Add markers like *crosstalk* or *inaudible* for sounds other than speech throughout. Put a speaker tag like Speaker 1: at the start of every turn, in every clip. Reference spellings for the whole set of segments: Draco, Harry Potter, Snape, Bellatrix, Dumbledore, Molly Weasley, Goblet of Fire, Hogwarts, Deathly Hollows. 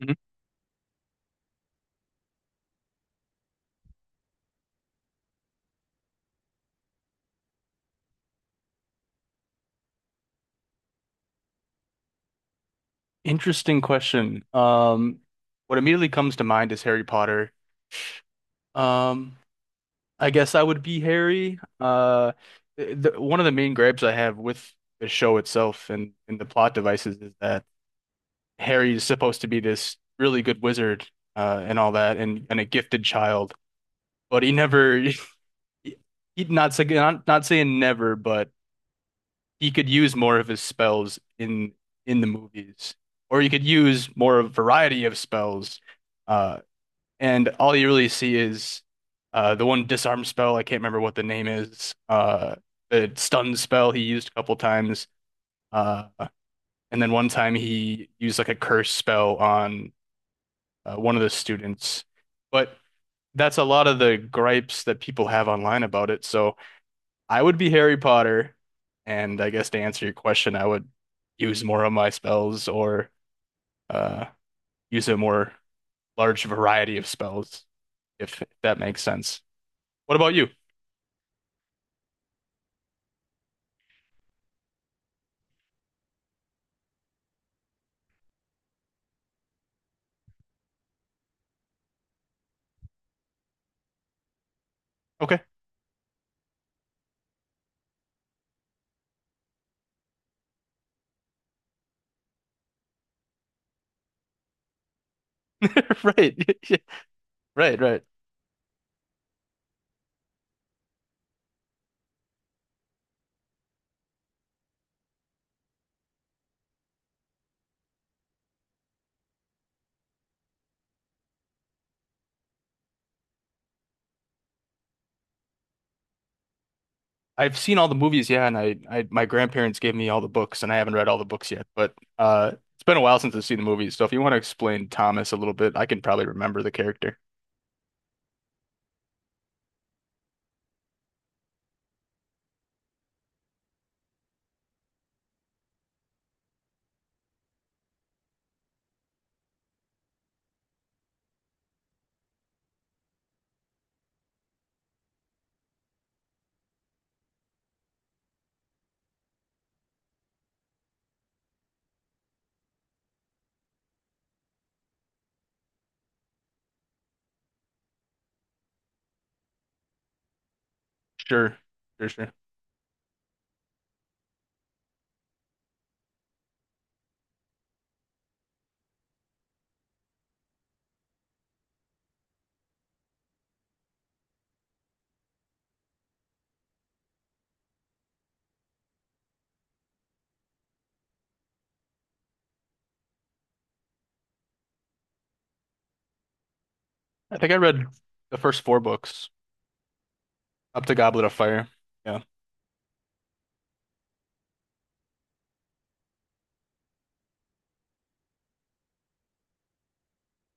Speaker 1: Mhm. Interesting question. What immediately comes to mind is Harry Potter. Um, I guess I would be Harry. One of the main gripes I have with the show itself and the plot devices is that Harry is supposed to be this really good wizard, and all that, and a gifted child, but he never, *laughs* he, not saying never, but he could use more of his spells in the movies, or he could use more of a variety of spells. Uh, and all you really see is the one disarm spell. I can't remember what the name is. The stun spell he used a couple times. Uh, and then one time he used like a curse spell on one of the students. But that's a lot of the gripes that people have online about it. So I would be Harry Potter. And I guess to answer your question, I would use more of my spells or uh, use a more large variety of spells, if that makes sense. What about you? Okay. *laughs* Right. *laughs* Right, right. I've seen all the movies, yeah, and I my grandparents gave me all the books and I haven't read all the books yet, but it's been a while since I've seen the movies, so if you want to explain Thomas a little bit, I can probably remember the character. Sure. Sure, sure. I think I read the first four books up to Goblet of Fire. Yeah.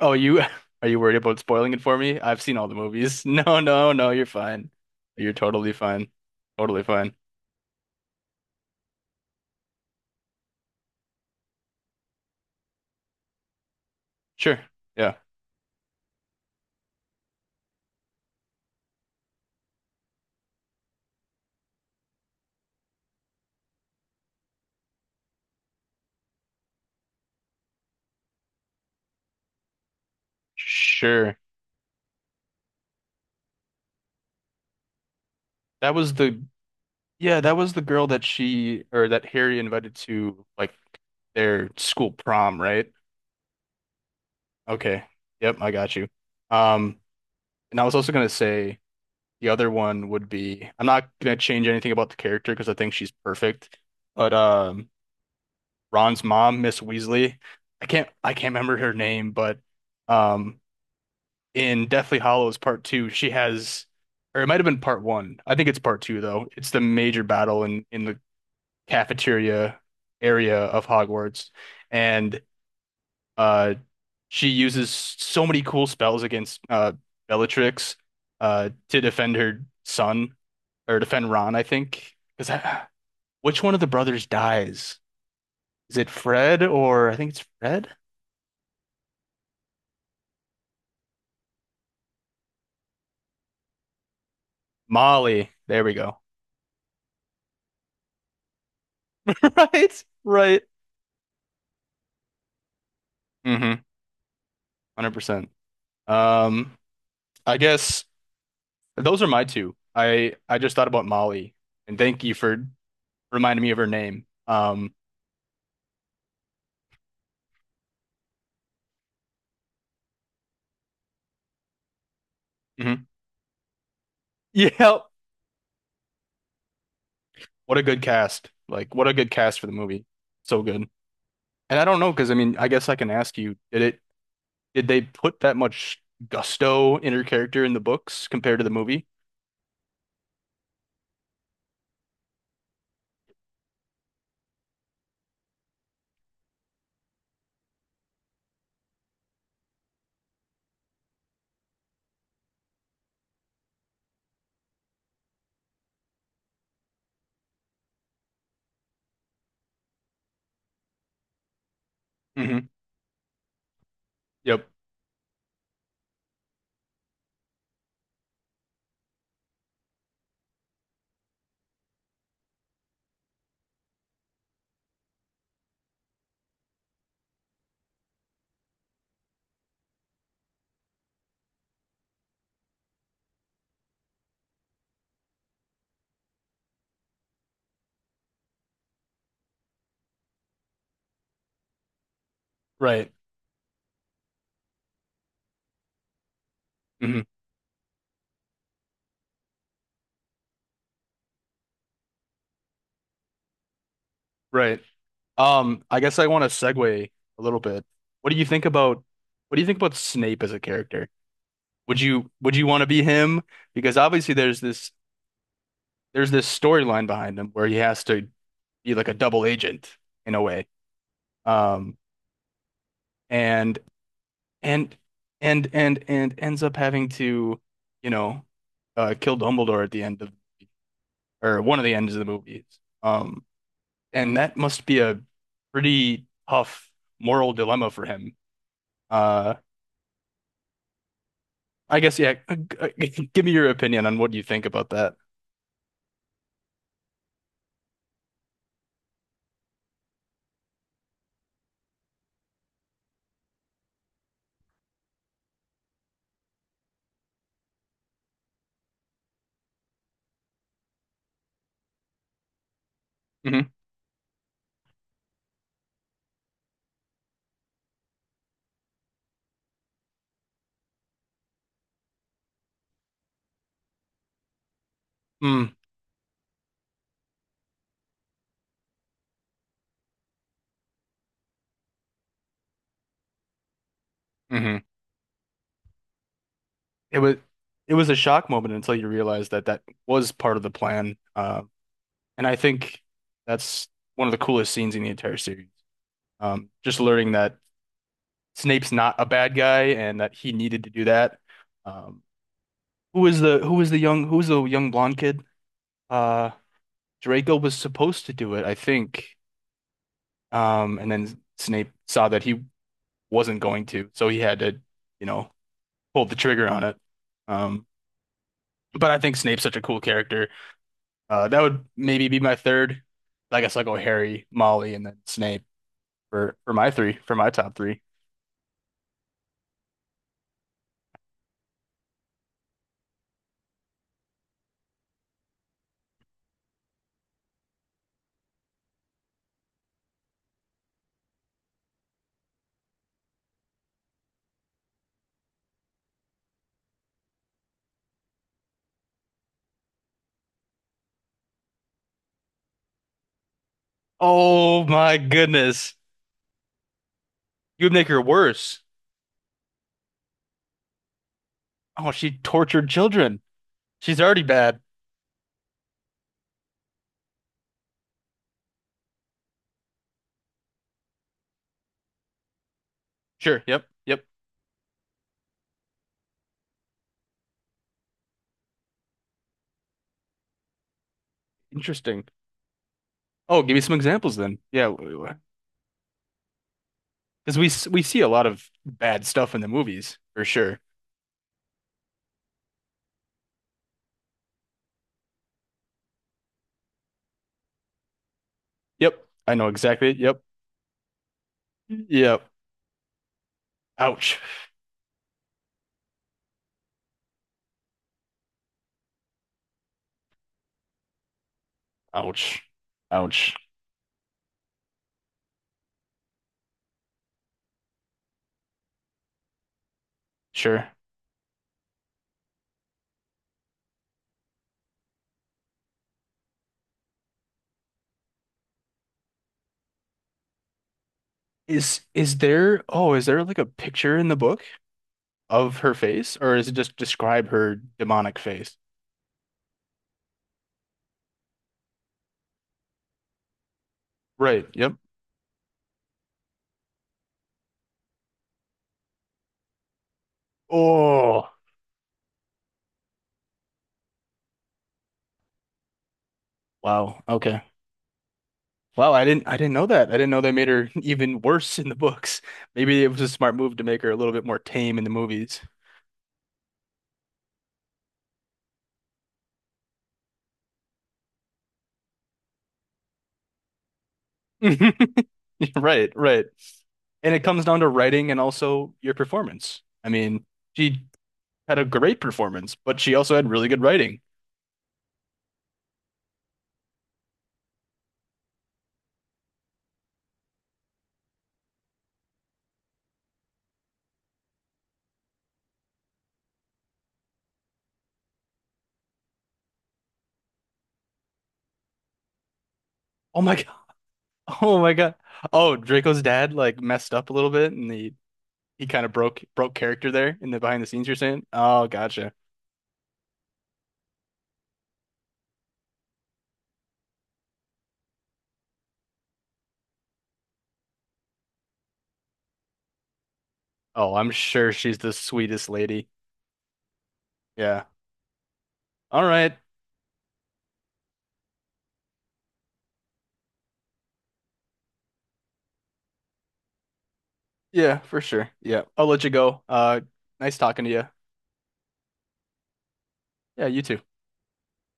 Speaker 1: Oh, you *laughs* are you worried about spoiling it for me? I've seen all the movies. *laughs* No, no, no, you're fine. You're totally fine. Totally fine. Sure. Yeah. Sure. That was the Yeah, that was the girl that she or that Harry invited to like their school prom, right? Okay. Yep, I got you. Um, and I was also gonna say the other one would be, I'm not gonna change anything about the character because I think she's perfect. But Ron's mom, Miss Weasley, I can't remember her name, but um in Deathly Hollows Part Two, she has, or it might have been part one. I think it's part two though. It's the major battle in the cafeteria area of Hogwarts, and uh, she uses so many cool spells against Bellatrix to defend her son or defend Ron, I think. Because which one of the brothers dies? Is it Fred, or I think it's Fred? Molly. There we go. *laughs* Right, right. Mm-hmm. 100%. Um, I guess those are my two. I just thought about Molly, and thank you for reminding me of her name. Mhm. Yeah. What a good cast. Like, what a good cast for the movie. So good. And I don't know, because I mean, I guess I can ask you, did it did they put that much gusto in her character in the books compared to the movie? Hmm. Yep. Right. Hmm. Right. I guess I want to segue a little bit. What do you think about what do you think about Snape as a character? Would you want to be him? Because obviously there's this storyline behind him where he has to be like a double agent in a way. Um, and and and ends up having to, you know, kill Dumbledore at the end of, or one of the ends of the movies. Um, and that must be a pretty tough moral dilemma for him. Uh, I guess yeah. *laughs* Give me your opinion on what you think about that. Hmm. Mm, hmm. It was it was a shock moment until you realize that that was part of the plan. And I think that's one of the coolest scenes in the entire series. Just learning that Snape's not a bad guy and that he needed to do that. Um, who was the young blonde kid? Uh, Draco was supposed to do it, I think. And then Snape saw that he wasn't going to, so he had to, you know, pull the trigger on it. Um, but I think Snape's such a cool character. That would maybe be my third. Like, I guess I'll go Harry, Molly, and then Snape for my top three. Oh my goodness, you would make her worse. Oh, she tortured children. She's already bad. Sure. Yep. Yep. Interesting. Oh, give me some examples then. Yeah, because we s- we see a lot of bad stuff in the movies for sure. Yep, I know exactly. Yep, yep. Ouch, ouch, ouch. Sure. Is there? Oh, is there like a picture in the book of her face, or is it just describe her demonic face? Right. Yep. Oh, wow. Okay. Wow, I didn't know that. I didn't know they made her *laughs* even worse in the books. Maybe it was a smart move to make her a little bit more tame in the movies. *laughs* Right, right. And it comes down to writing and also your performance. I mean, she had a great performance, but she also had really good writing. Oh my *laughs* God. Oh my God. Oh, Draco's dad like messed up a little bit and he kind of broke character there in the behind the scenes you're saying? Oh, gotcha. Oh, I'm sure she's the sweetest lady. Yeah. All right. Yeah, for sure. Yeah. I'll let you go. Nice talking to you. Yeah, you too.